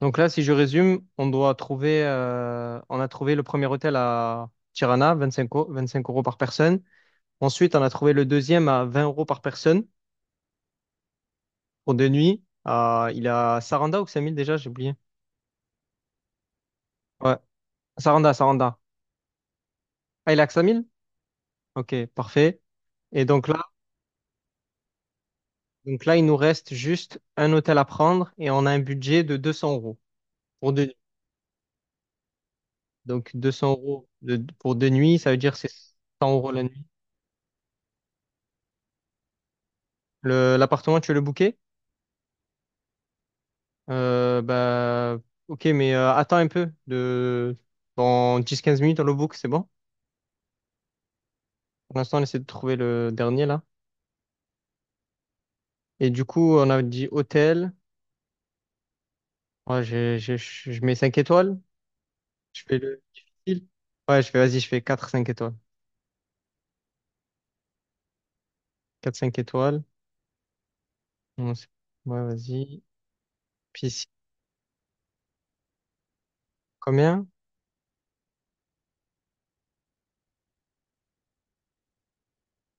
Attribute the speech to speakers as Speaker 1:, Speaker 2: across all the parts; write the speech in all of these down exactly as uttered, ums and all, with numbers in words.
Speaker 1: Donc là, si je résume, on doit trouver, euh, on a trouvé le premier hôtel à Tirana, vingt-cinq euros vingt-cinq euros par personne. Ensuite, on a trouvé le deuxième à vingt euros par personne pour deux nuits. Euh, il a Saranda ou Xamil déjà, j'ai oublié. Ouais, Saranda, Saranda. Ah, il a Xamil? Ok, parfait. Et donc là, donc là, il nous reste juste un hôtel à prendre et on a un budget de deux cents euros pour deux nuits. Donc deux cents euros de- pour deux nuits, ça veut dire c'est cent euros la nuit. Le- L'appartement, tu veux le booker? Euh, bah, ok, mais euh, attends un peu. De... Dans dix quinze minutes, dans le book, c'est bon? Pour l'instant, on essaie de trouver le dernier là. Et du coup, on a dit hôtel. Ouais, j'ai- j'ai- je je mets cinq étoiles. Je fais le difficile. Ouais, je fais, vas-y, je fais quatre cinq étoiles. Quatre cinq étoiles. Bon, c'est- Ouais, vas-y. Piscine, combien?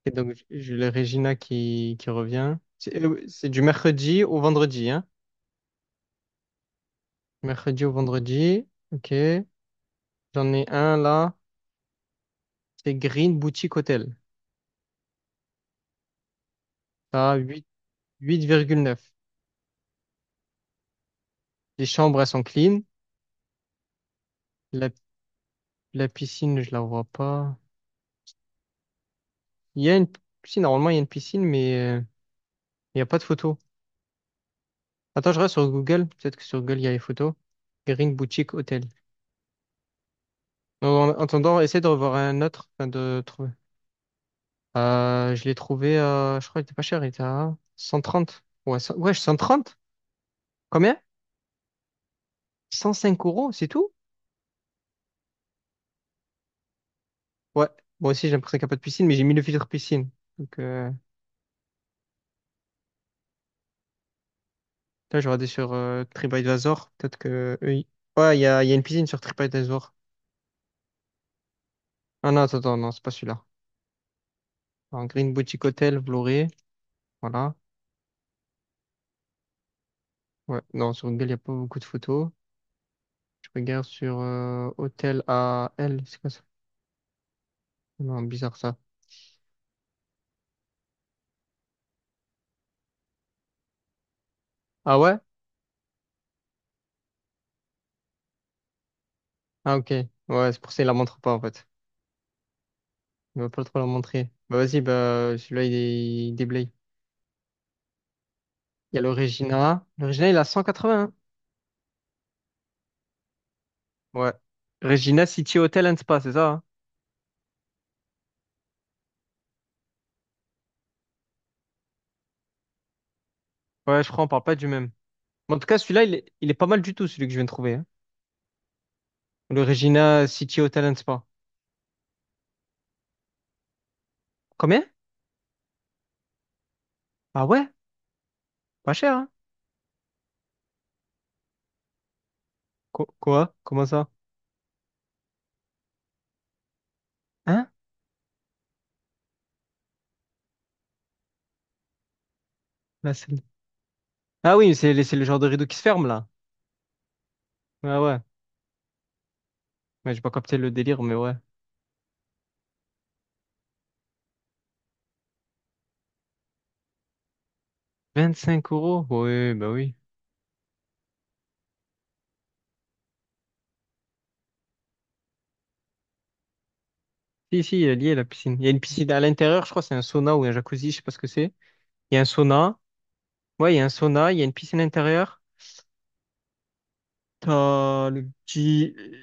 Speaker 1: Et donc, j'ai le Regina qui, qui revient. C'est euh, c'est du mercredi au vendredi, hein? Mercredi au vendredi. Ok. J'en ai un là. C'est Green Boutique Hotel. T'as huit, huit virgule neuf. Les chambres, elles sont clean. La, la piscine, je la vois pas. Il y a une, si, normalement, il y a une piscine, mais euh, il n'y a pas de photo. Attends, je reste sur Google. Peut-être que sur Google, il y a les photos. Green Boutique Hotel. En en attendant, essaie de revoir un autre, enfin, de trouver. Euh, je l'ai trouvé, euh, je crois qu'il était pas cher. Il était à cent trente. Ouais, cent ouais, cent trente? Combien? cent cinq euros, c'est tout? Ouais. Moi aussi, j'ai l'impression qu'il n'y a pas de piscine, mais j'ai mis le filtre piscine. Donc, euh, là, je regardé sur euh, TripAdvisor. Peut-être que eux, ils- Ouais, il y a, il y a une piscine sur TripAdvisor. Ah non, attends, attends, non, c'est pas celui-là. Alors, Green Boutique Hotel, Vloré. Voilà. Ouais, non, sur Google, il n'y a pas beaucoup de photos. Je regarde sur euh, Hôtel à L. C'est quoi ça? Non, bizarre ça. Ah ouais? Ah ok. Ouais, c'est pour ça qu'il la montre pas en fait. Il va pas trop la montrer. Bah vas-y, bah celui-là, il, est- il déblaye. Il y a le Regina. Le Regina, il a cent quatre-vingts, hein. Ouais. Regina City Hotel and Spa, c'est ça? Hein? Ouais, je crois, on parle pas du même. Mais en tout cas, celui-là, il est, il est pas mal du tout, celui que je viens de trouver, hein. Le Regina City Hotel Talent Spa. Combien? Ah ouais, pas cher, hein? Qu- quoi? Comment ça? Hein? Là, c'est le- Ah oui, c'est le c'est le genre de rideau qui se ferme, là. Ah ouais. Ouais, j'ai pas capté le délire, mais ouais. Vingt cinq euros? Oui, bah oui. Si, si, il est lié, la piscine. Il y a une piscine à l'intérieur, je crois, c'est un sauna ou un jacuzzi, je sais pas ce que c'est. Il y a un sauna. Ouais, il y a un sauna, il y a une piscine intérieure. T'as le petit... euh,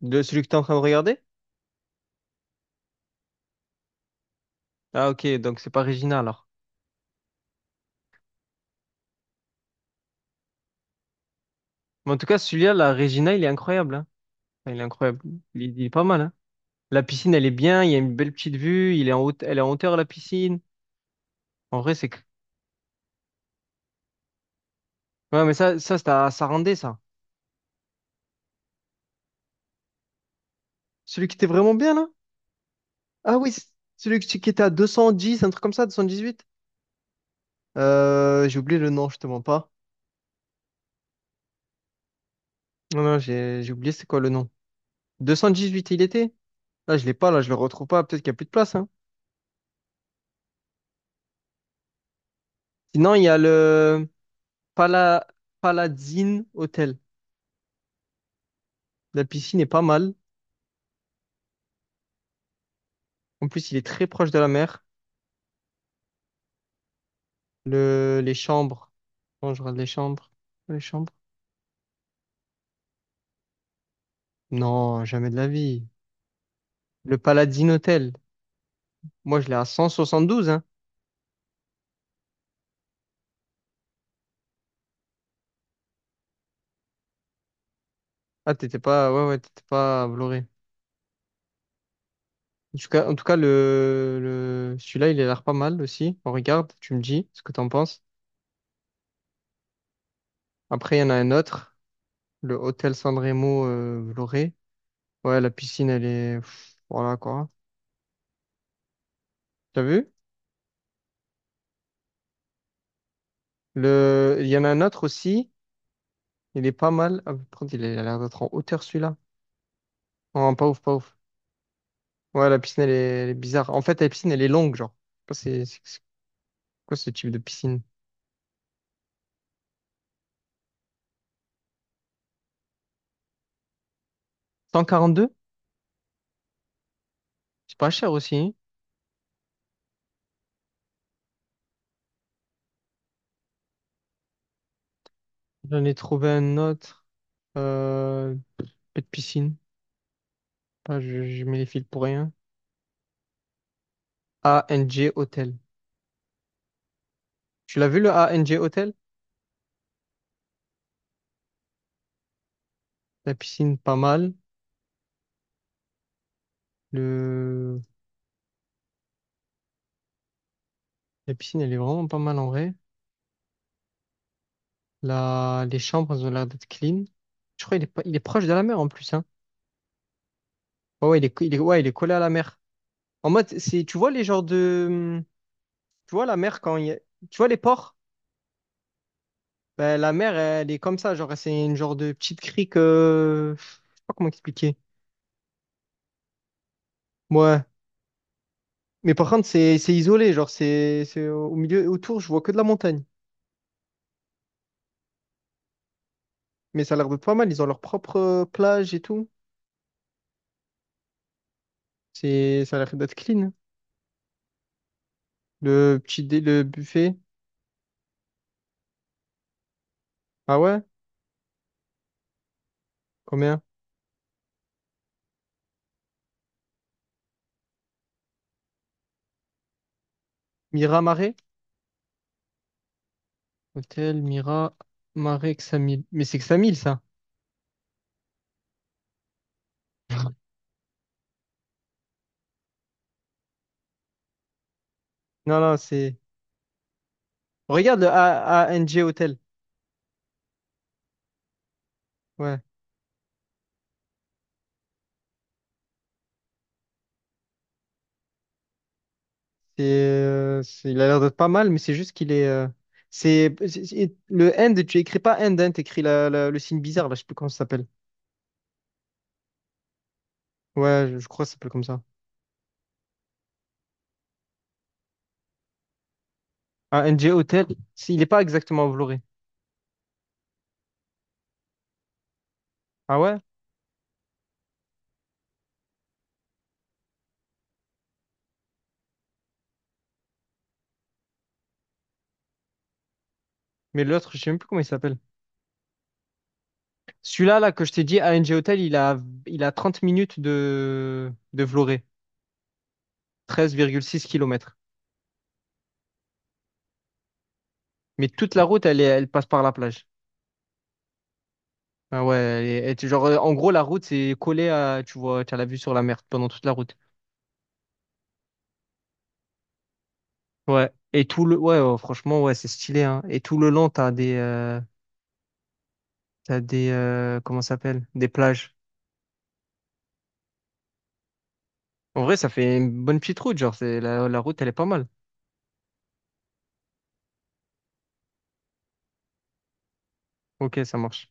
Speaker 1: de celui que t'es en train de regarder? Ah ok, donc c'est pas Regina, alors. Mais en tout cas, celui-là, la Regina, il est incroyable, hein. Enfin, il est incroyable. Il, est il est pas mal, hein. La piscine, elle est bien. Il y a une belle petite vue. Il est en haute, elle est en hauteur, la piscine. En vrai, c'est. que- Ouais, mais ça, ça, c'était à Sarandé, ça. Celui qui était vraiment bien, là? Ah oui, c'est- celui qui qui était à deux cent dix, un truc comme ça, deux cent dix-huit. Euh, j'ai oublié le nom, je te mens pas. Non, non, j'ai j'ai oublié c'est quoi le nom. deux cent dix-huit, il était? Là, je l'ai pas, là, je le retrouve pas. Peut-être qu'il n'y a plus de place, hein. Sinon, il y a le Pala... Palazine Hotel. La piscine est pas mal. En plus, il est très proche de la mer. Le, les chambres. Quand je regarde les chambres. Les chambres? Non, jamais de la vie. Le Paladine Hotel. Moi, je l'ai à cent soixante-douze, hein. Ah, t'étais pas, ouais, ouais, t'étais pas à Vloré. En tout cas, en tout cas, le, le, celui-là, il a l'air pas mal aussi. On regarde, tu me dis ce que t'en penses. Après, il y en a un autre. Le Hôtel Sanremo, euh, Vloré. Ouais, la piscine, elle est, pff, voilà, quoi. T'as vu? Le, il y en a un autre aussi. Il est pas mal. Ah, par contre, il a il a l'air d'être en hauteur, celui-là. Oh, pas ouf, pas ouf. Ouais, la piscine, elle est, elle est bizarre. En fait, la piscine, elle est longue, genre. Je sais pas. C'est c'est- c'est quoi ce type de piscine? Cent quarante deux. C'est pas cher aussi, hein. J'en ai trouvé un autre. Euh, pas de piscine. Ah, je, je mets les fils pour rien. A N G Hotel. Tu l'as vu le A N G Hotel? La piscine, pas mal. Le... La piscine, elle est vraiment pas mal en vrai. La... Les chambres, elles ont l'air d'être clean. Je crois qu'il est, pas- il est proche de la mer en plus, hein. Ouais, ouais, il est, co- il est, ouais, il est collé à la mer. En mode, c'est, tu vois les genres de. Tu vois, la mer, quand il y a- Tu vois, les ports, ben, la mer, elle est comme ça. Genre, c'est une genre de petite crique. euh, Je sais pas comment expliquer. Ouais. Mais par contre, c'est c'est isolé. Genre, c'est c'est au milieu et autour, je vois que de la montagne. Mais ça a l'air de pas mal. Ils ont leur propre euh, plage et tout. C'est... Ça a l'air d'être clean, hein. Le petit dé... le buffet. Ah ouais? Combien? Mira Marais? Hôtel Mira Marais Xamil. Mais c'est Xamil, ça. Non, non, c'est. Regarde le A ANG Hôtel. Ouais. C'est, euh, c'est- il a l'air d'être pas mal, mais c'est juste qu'il est. euh, c'est c'est- c'est- le end, tu écris pas end, hein, t'écris la, la- le signe bizarre, là, je sais plus comment ça s'appelle. Ouais, je, je crois que ça s'appelle comme ça. Ah, N g Hotel, c'est- il est pas exactement enveloppé. Ah ouais? Mais l'autre, je sais même plus comment il s'appelle. Celui-là, là, que je t'ai dit, a n g Hotel, il a, il a trente minutes de, de Vloré, treize virgule six kilomètres. Mais toute la route, elle, est- elle passe par la plage. Ah ouais, elle est- elle est- genre, euh, en gros, la route, c'est collé à, tu vois, tu as la vue sur la mer pendant toute la route. Ouais. Et tout le, ouais, ouais, franchement, ouais, c'est stylé, hein. Et tout le long, t'as des, euh, t'as des, euh, comment ça s'appelle? Des plages. En vrai, ça fait une bonne petite route, genre, c'est, la, la route, elle est pas mal. Ok, ça marche.